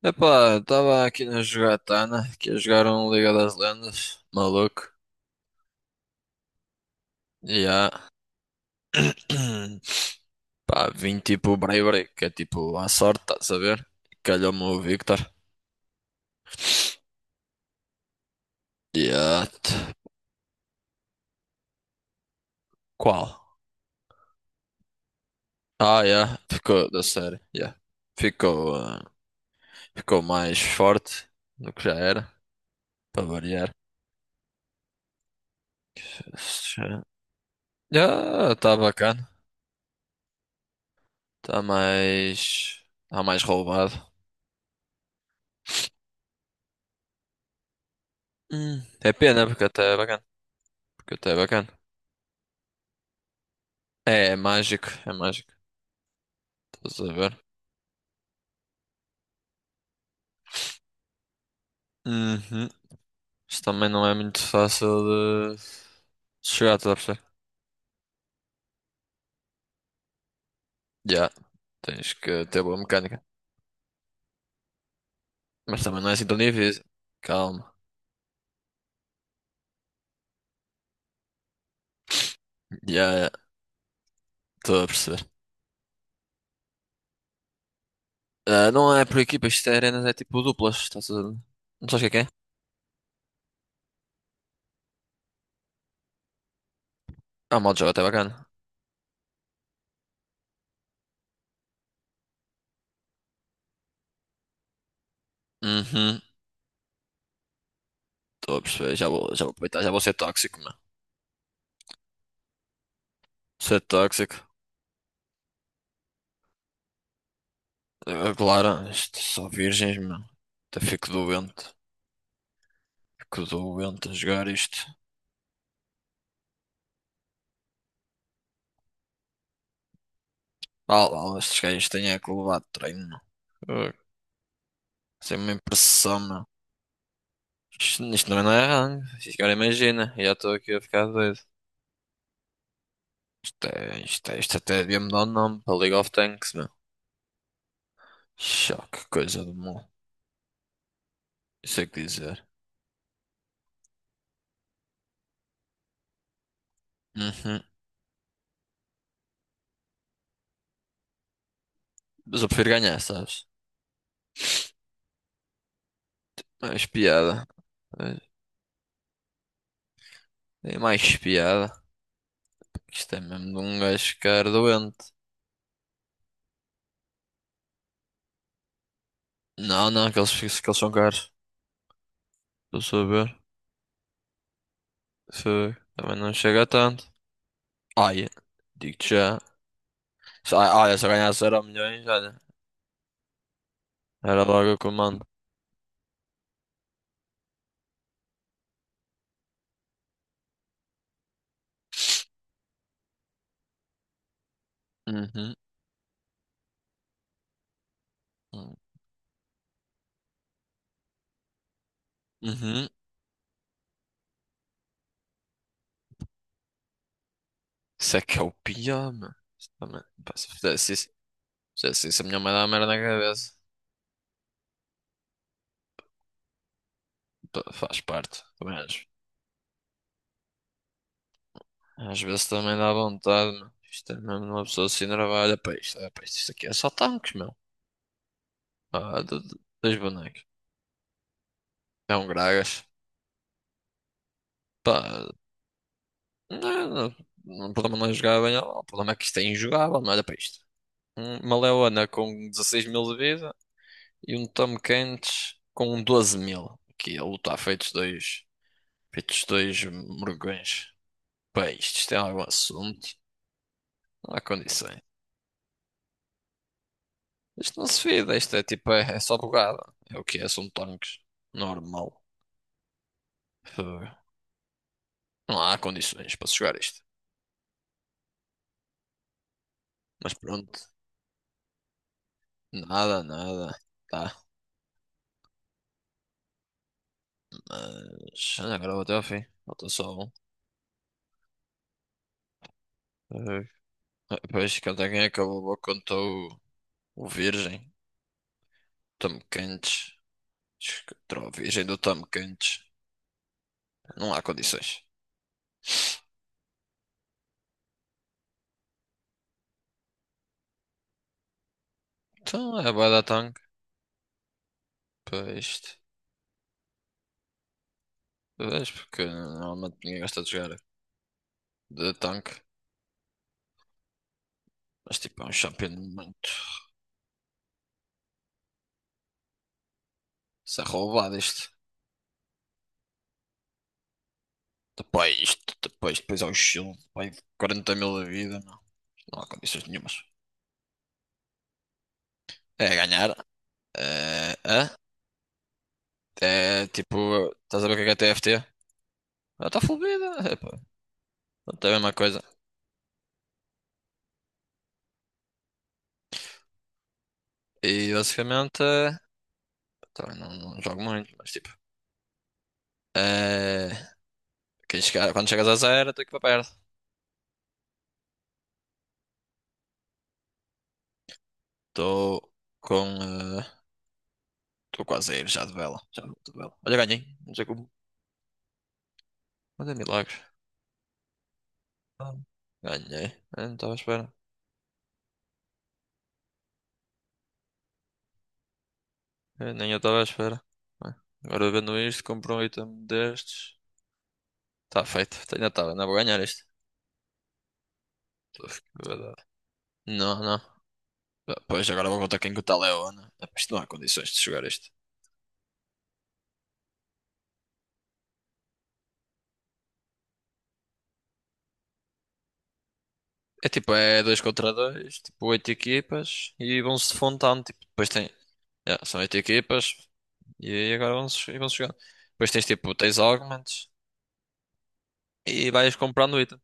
Epá, eu tava aqui na jogatana, que a jogaram Liga das Lendas, maluco, e há, pá, vim tipo Bray Bray, que é tipo à sorte, estás a ver? Calhou-me o Victor, e há, t- qual? Ah, yeah, ficou da série, yeah. Ficou, ficou mais forte do que já era, para variar. Já, tá bacana, tá mais roubado. É pena, porque até é bacana. É mágico, é mágico. Estás a ver? Uhum. Isto também não é muito fácil de de chegar, estás a perceber? Já, tens que ter boa mecânica. Mas também não é assim tão difícil. Calma. Já, estou a perceber. Ah, não é por equipa, isto é arenas, é tipo duplas. Estás a... Não sabes o que é que é? Ah, o modo de jogo até bacana. Uhum, estou a perceber. Já vou aproveitar, já vou ser tóxico, mano. Ser tóxico. Ah, claro, isto só virgens, mano. Até fico doente. Fico doente a jogar isto. Ah lá, estes gajos têm é que levar treino, meu. Ah, Isso é uma impressão, meu. Isto também não é rango. Isto Agora imagina, já estou aqui a ficar doido. Isto até devia mudar o nome para League of Tanks, meu. Choque, coisa do mal. Isso é que dizer. Uhum. Mas eu prefiro ganhar, sabes? Mais piada. É mais piada. Isto é mesmo de um gajo ficar doente. Não, não, que eles são caros. Estou a saber. Foi. Também não chega a tanto. Ai, digo-te já. Só- Olha, se eu ganhasse euro milhões, olha, era logo o que eu mando. Uhum, uhum. Uhum. Isso é que é o pior, mano. Isso Também, pá, se fizesse isso, fizesse isso, a minha mãe dá merda na cabeça. Pá, faz parte, também acho. Às vezes também dá vontade, mano. Isto é mesmo uma pessoa assim, trabalha para isto. Olha para isto, isto aqui é só tanques, meu. Ah, dois bonecos. É um Gragas. Pá, não, não, não, o problema não é jogar bem, o problema é que isto é injogável, mas olha para isto. Uma leona com 16 mil de vida. E um Tom Kench com um 12 mil. Aqui a luta feitos dois morgões. Bem, isto tem algum assunto? Não há condições. Isto não se vira, isto é tipo, é, é só bugada. É o que é, são tanques. Normal. Uh, Não há condições para se jogar isto. Mas pronto, nada, nada. Tá, mas agora vou até ao fim. Falta só um. Uh, Depois, conta quem acabou, contou o o Virgem, Tom Kench. Contra o Virgem do Tom Kench. Não há condições. Então é bué da tanque para isto. Vês? Porque normalmente ninguém gosta de jogar de tanque. Mas tipo, é um champion muito se roubado isto. Depois ao shield, vai 40 mil da vida, não. Não há condições nenhumas. É ganhar. É, é tipo, estás a ver o que é TFT? Ah, está full vida. É, pá. Portanto, é a mesma coisa. E basicamente, também não jogo muito, mas tipo, eh, quem chegar, quando chegas a zero, tem que ir para perto. Estou com. Estou quase a ir já de vela. Já vou de vela. Olha, ganhei. Não sei como. Mas é milagres. Ah, ganhei. Eu não estava à espera. Eu nem eu estava à espera. Bem, agora vendo isto, compro um item destes. Está feito. Ainda estava. Ainda vou ganhar isto. Tô a ficar- Não, não. Ah, pois agora vou contar quem que o tal é o Ana. Ah, isto não há condições de jogar isto. É tipo, é dois contra dois tipo, oito equipas e vão-se de fontão. Tipo, depois tem, yeah, são oito equipas e aí agora vamos, e vamos jogar. Depois tens tipo, tens augments e vais comprando item.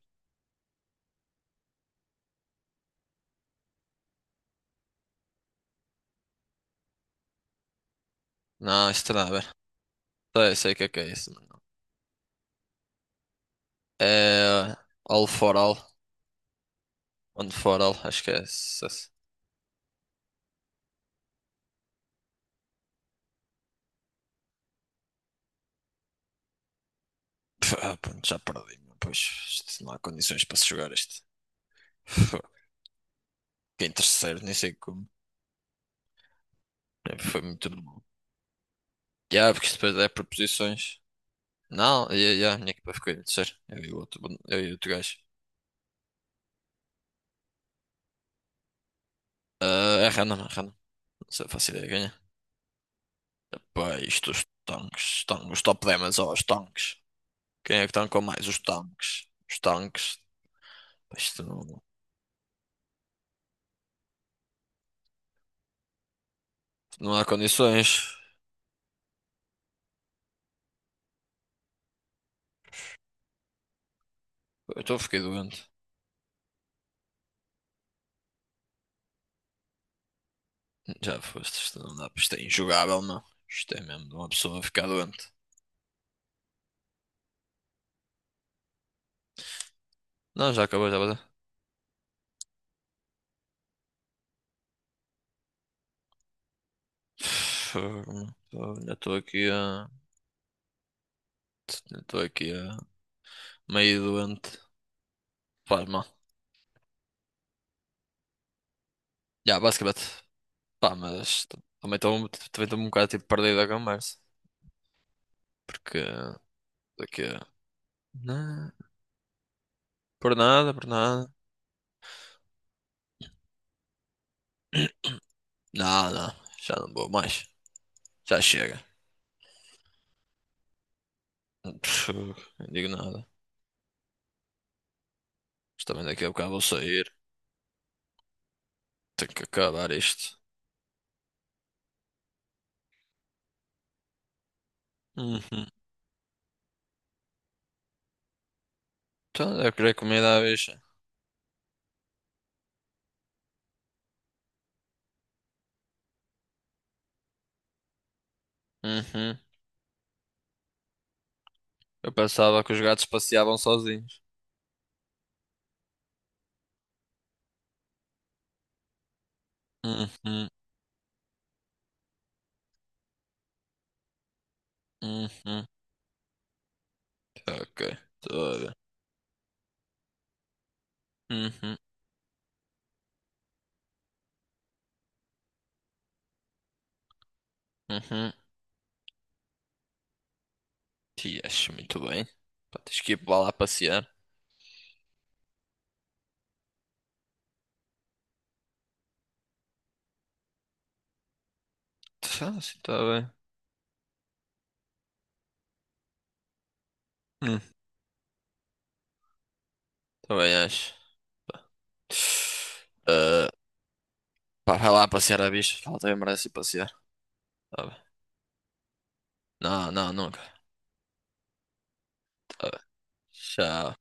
Não, isto nada a ver. Sei, sei o que é isso, mas não. É all for all, one for all, acho que é isso. Pff, ah, pronto, já perdi, meu. Pois isto não há condições para se jogar isto. Pff, fiquei em terceiro, nem sei como. É, foi muito bom. Yeah, porque isto depois é por posições. Não, yeah, yeah, a minha equipa ficou em terceiro. Eu e o outro gajo. Ah, é random, é random. Não sei, faço ideia de ganhar. Pá, tanques, os top 10, mas ó, os tanques. Quem é que tancou mais? Os tanques. Os tanques. Pá, Isto não, não há condições. Fiquei doente. Já foste, isto não dá, isto é injogável, não. Isto é mesmo de uma pessoa ficar doente. Não, já acabou, já acabou. Fogo, meu. Ainda estou aqui a. Meio doente. Faz mal. Já, basicamente. Pá, também estou um bocado tipo perdido da conversa. Porque. Daqui a. Não. Por nada, por nada. Não, não. Já não vou mais. Já chega. Pff, não digo nada. Mas também daqui a bocado vou sair. Tenho que acabar isto. Uhum. Então, eu queria comida à bicha. Uhum. Eu pensava que os gatos passeavam sozinhos. Uhum. Uhum. Ok. Estou a ver. Uhum. Uhum. Te acho muito bem. Pá, tens que ir para lá passear. Ah, sim, está bem. Hum, também acho. Ah, pá, vai lá passear a bicha, que ela também merece ir passear. Tá bem. No, no, nunca. Tá. Tchau.